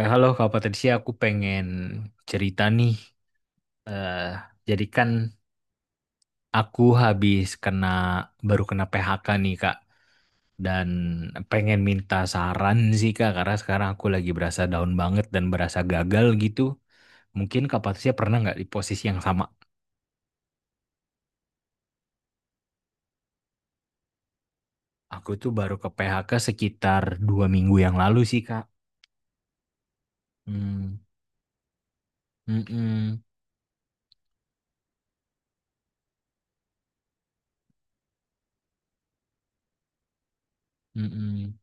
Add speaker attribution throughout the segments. Speaker 1: Halo Kak Patricia, aku pengen cerita nih. Eh, jadi kan aku habis baru kena PHK nih Kak, dan pengen minta saran sih Kak, karena sekarang aku lagi berasa down banget dan berasa gagal gitu. Mungkin Kak Patricia pernah nggak di posisi yang sama? Aku tuh baru ke PHK sekitar 2 minggu yang lalu sih Kak. Hmm, mm-mm, mm-mm,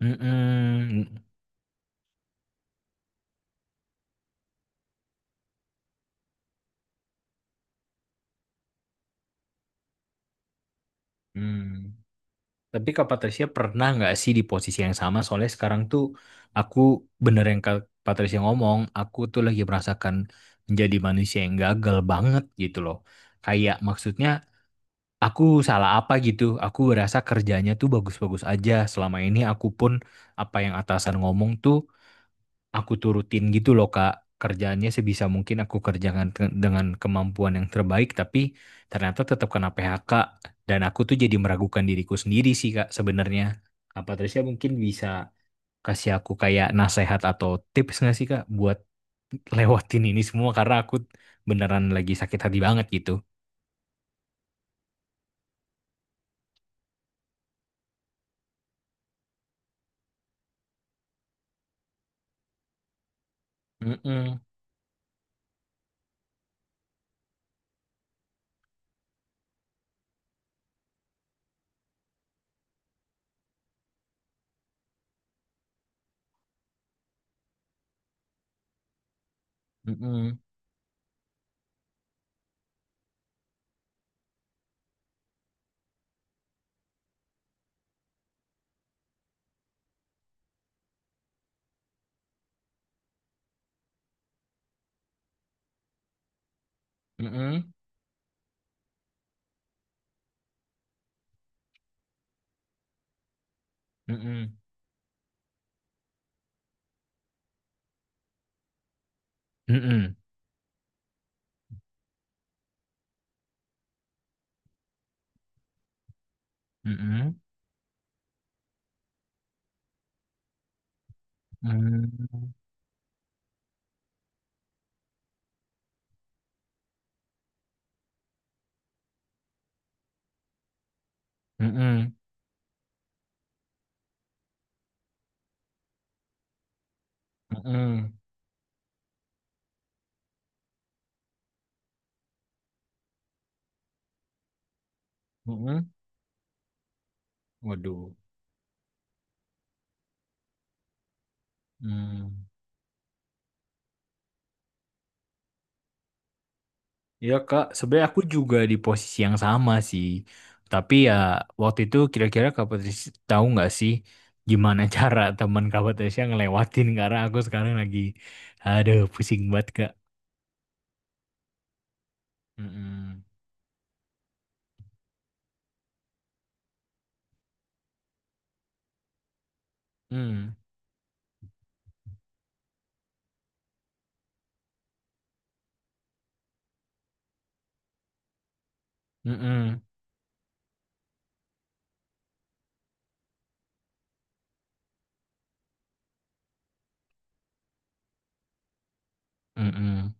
Speaker 1: mm-mm, mm-mm. Tapi Kak Patricia pernah nggak sih di posisi yang sama? Soalnya sekarang tuh aku bener yang Kak Patricia ngomong, aku tuh lagi merasakan menjadi manusia yang gagal banget gitu loh. Kayak maksudnya aku salah apa gitu. Aku ngerasa kerjanya tuh bagus-bagus aja. Selama ini aku pun apa yang atasan ngomong tuh aku turutin gitu loh Kak. Kerjaannya sebisa mungkin aku kerjakan dengan kemampuan yang terbaik, tapi ternyata tetap kena PHK dan aku tuh jadi meragukan diriku sendiri sih Kak sebenarnya. Kak Patricia mungkin bisa kasih aku kayak nasihat atau tips nggak sih Kak buat lewatin ini semua karena aku beneran lagi sakit hati banget gitu. Mm-mm, mm-mm, mm-mm, mm-mm, mm-mm, mm-mm, mm-mm, mm-mm, mm-mm, mm-mm. Waduh. Hmm. Ya Kak, sebenarnya aku juga di posisi yang sama sih. Tapi ya waktu itu kira-kira Kak Patricia tahu nggak sih gimana cara teman Kak Patricia ngelewatin karena aku sekarang lagi aduh pusing banget Kak. Mm-mm. Mm. Mm-mm. Mm-mm.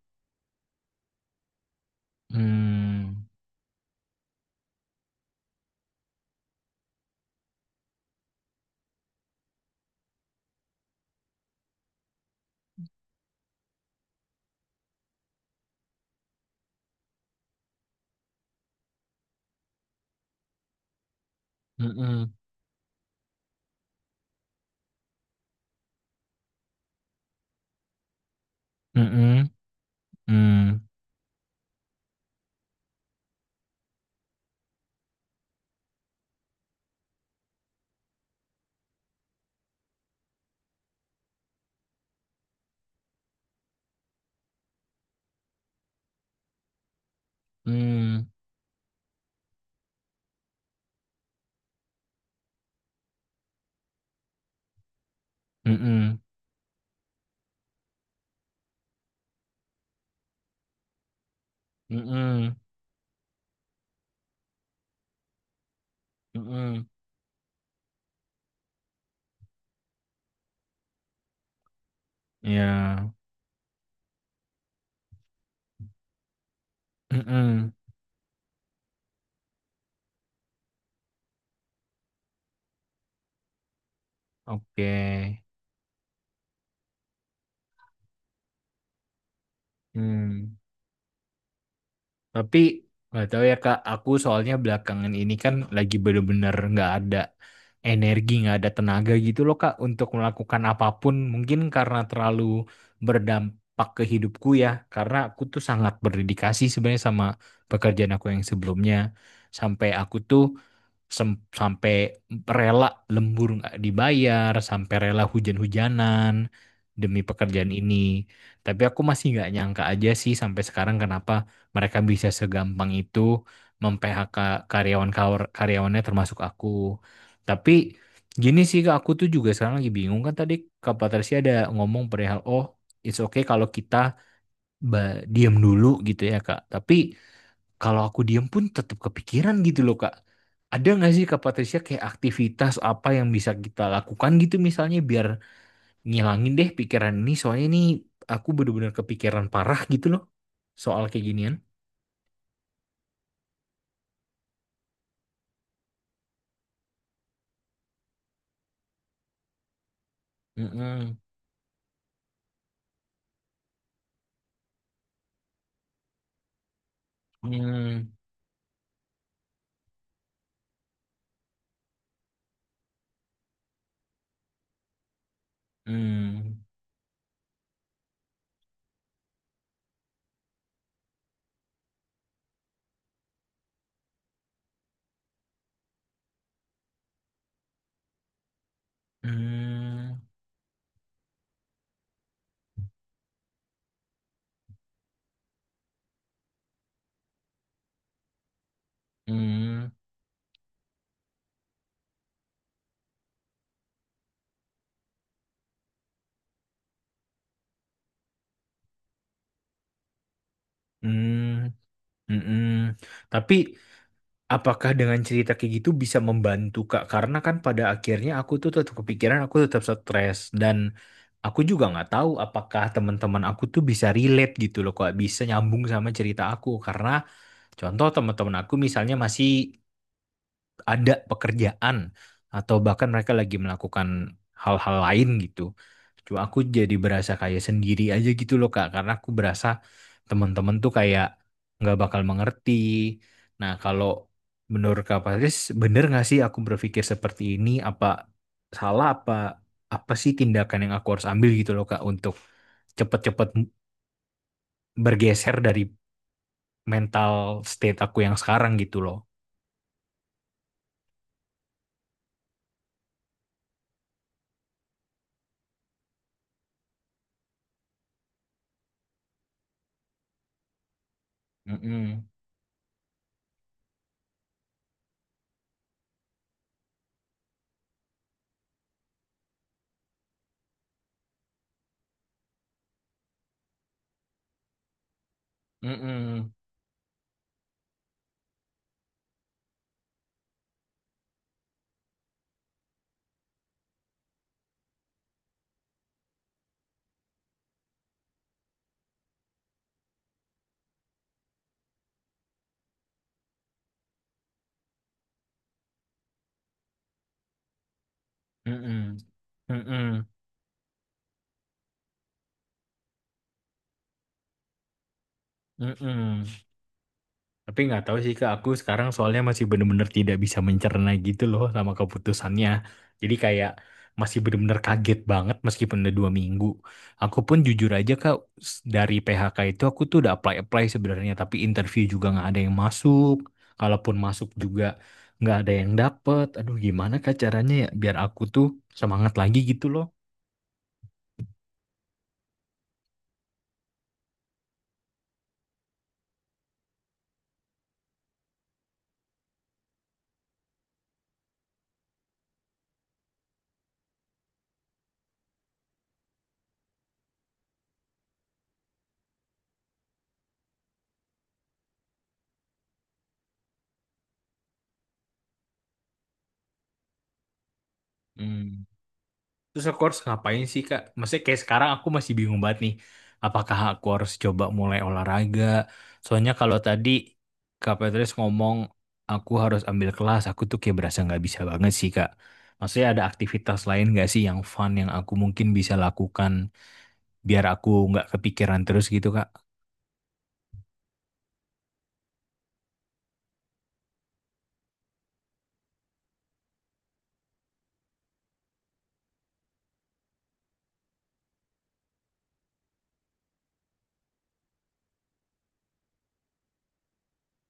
Speaker 1: Mm. Mm-mm. Mm-mm. Mm. Mm. Mm-mm. Mm-mm. Mm-mm. Ya. Mm-mm. Oke. Hmm. Tapi nggak tahu ya Kak, aku soalnya belakangan ini kan lagi bener-bener nggak ada energi, nggak ada tenaga gitu loh Kak untuk melakukan apapun. Mungkin karena terlalu berdampak ke hidupku ya, karena aku tuh sangat berdedikasi sebenarnya sama pekerjaan aku yang sebelumnya. Sampai aku tuh sampai rela lembur nggak dibayar, sampai rela hujan-hujanan demi pekerjaan ini. Tapi aku masih nggak nyangka aja sih sampai sekarang kenapa mereka bisa segampang itu mem-PHK karyawan karyawannya termasuk aku. Tapi gini sih Kak, aku tuh juga sekarang lagi bingung kan tadi Kak Patricia ada ngomong perihal oh it's okay kalau kita diem dulu gitu ya Kak. Tapi kalau aku diem pun tetap kepikiran gitu loh Kak. Ada nggak sih Kak Patricia kayak aktivitas apa yang bisa kita lakukan gitu misalnya biar ngilangin deh pikiran ini soalnya ini aku bener-bener kepikiran parah gitu loh soal kayak ginian. Mm-mm. Mm. Mm. Mm. Mm. Mm. Mm-mm. Tapi apakah dengan cerita kayak gitu bisa membantu Kak? Karena kan pada akhirnya aku tuh tetap kepikiran, aku tetap stres dan aku juga nggak tahu apakah teman-teman aku tuh bisa relate gitu loh, kok bisa nyambung sama cerita aku. Karena contoh teman-teman aku misalnya masih ada pekerjaan atau bahkan mereka lagi melakukan hal-hal lain gitu. Cuma aku jadi berasa kayak sendiri aja gitu loh Kak, karena aku berasa teman-teman tuh kayak nggak bakal mengerti. Nah, kalau menurut Kak Paris, bener nggak sih aku berpikir seperti ini? Apa salah apa apa sih tindakan yang aku harus ambil gitu loh Kak untuk cepet-cepet bergeser dari mental state aku yang sekarang gitu loh. Mm-mm. Mm-mm. Mm-mm. Mm-mm. Mm-mm. Tapi nggak tahu sih Kak, aku sekarang soalnya masih bener-bener tidak bisa mencerna gitu loh sama keputusannya. Jadi kayak masih bener-bener kaget banget meskipun udah 2 minggu. Aku pun jujur aja Kak, dari PHK itu aku tuh udah apply-apply sebenarnya, tapi interview juga nggak ada yang masuk. Kalaupun masuk juga nggak ada yang dapet. Aduh gimana Kak caranya ya biar aku tuh semangat lagi gitu loh. Terus aku harus ngapain sih Kak? Maksudnya kayak sekarang aku masih bingung banget nih. Apakah aku harus coba mulai olahraga? Soalnya kalau tadi Kak Petrus ngomong aku harus ambil kelas, aku tuh kayak berasa nggak bisa banget sih Kak. Maksudnya ada aktivitas lain nggak sih yang fun yang aku mungkin bisa lakukan biar aku nggak kepikiran terus gitu Kak?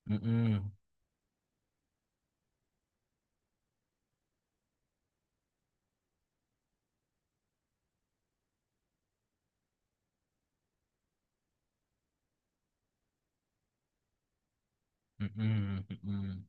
Speaker 1: Mm-mm. Mm-mm. Mm-mm.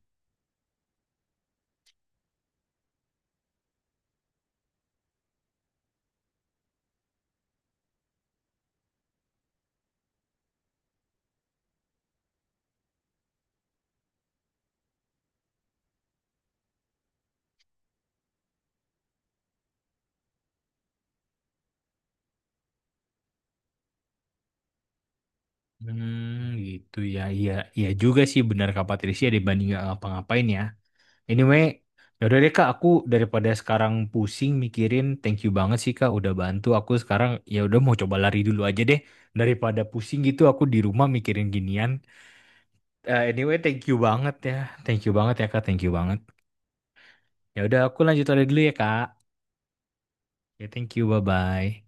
Speaker 1: Hmm, gitu ya, iya, iya juga sih benar Kak Patricia dibanding nggak ngapa-ngapain ya. Anyway, yaudah deh Kak, aku daripada sekarang pusing mikirin, thank you banget sih Kak udah bantu aku sekarang. Ya udah mau coba lari dulu aja deh daripada pusing gitu aku di rumah mikirin ginian. Anyway, thank you banget ya. Thank you banget ya Kak, thank you banget. Ya udah aku lanjut lari dulu ya Kak. Ya thank you, bye-bye.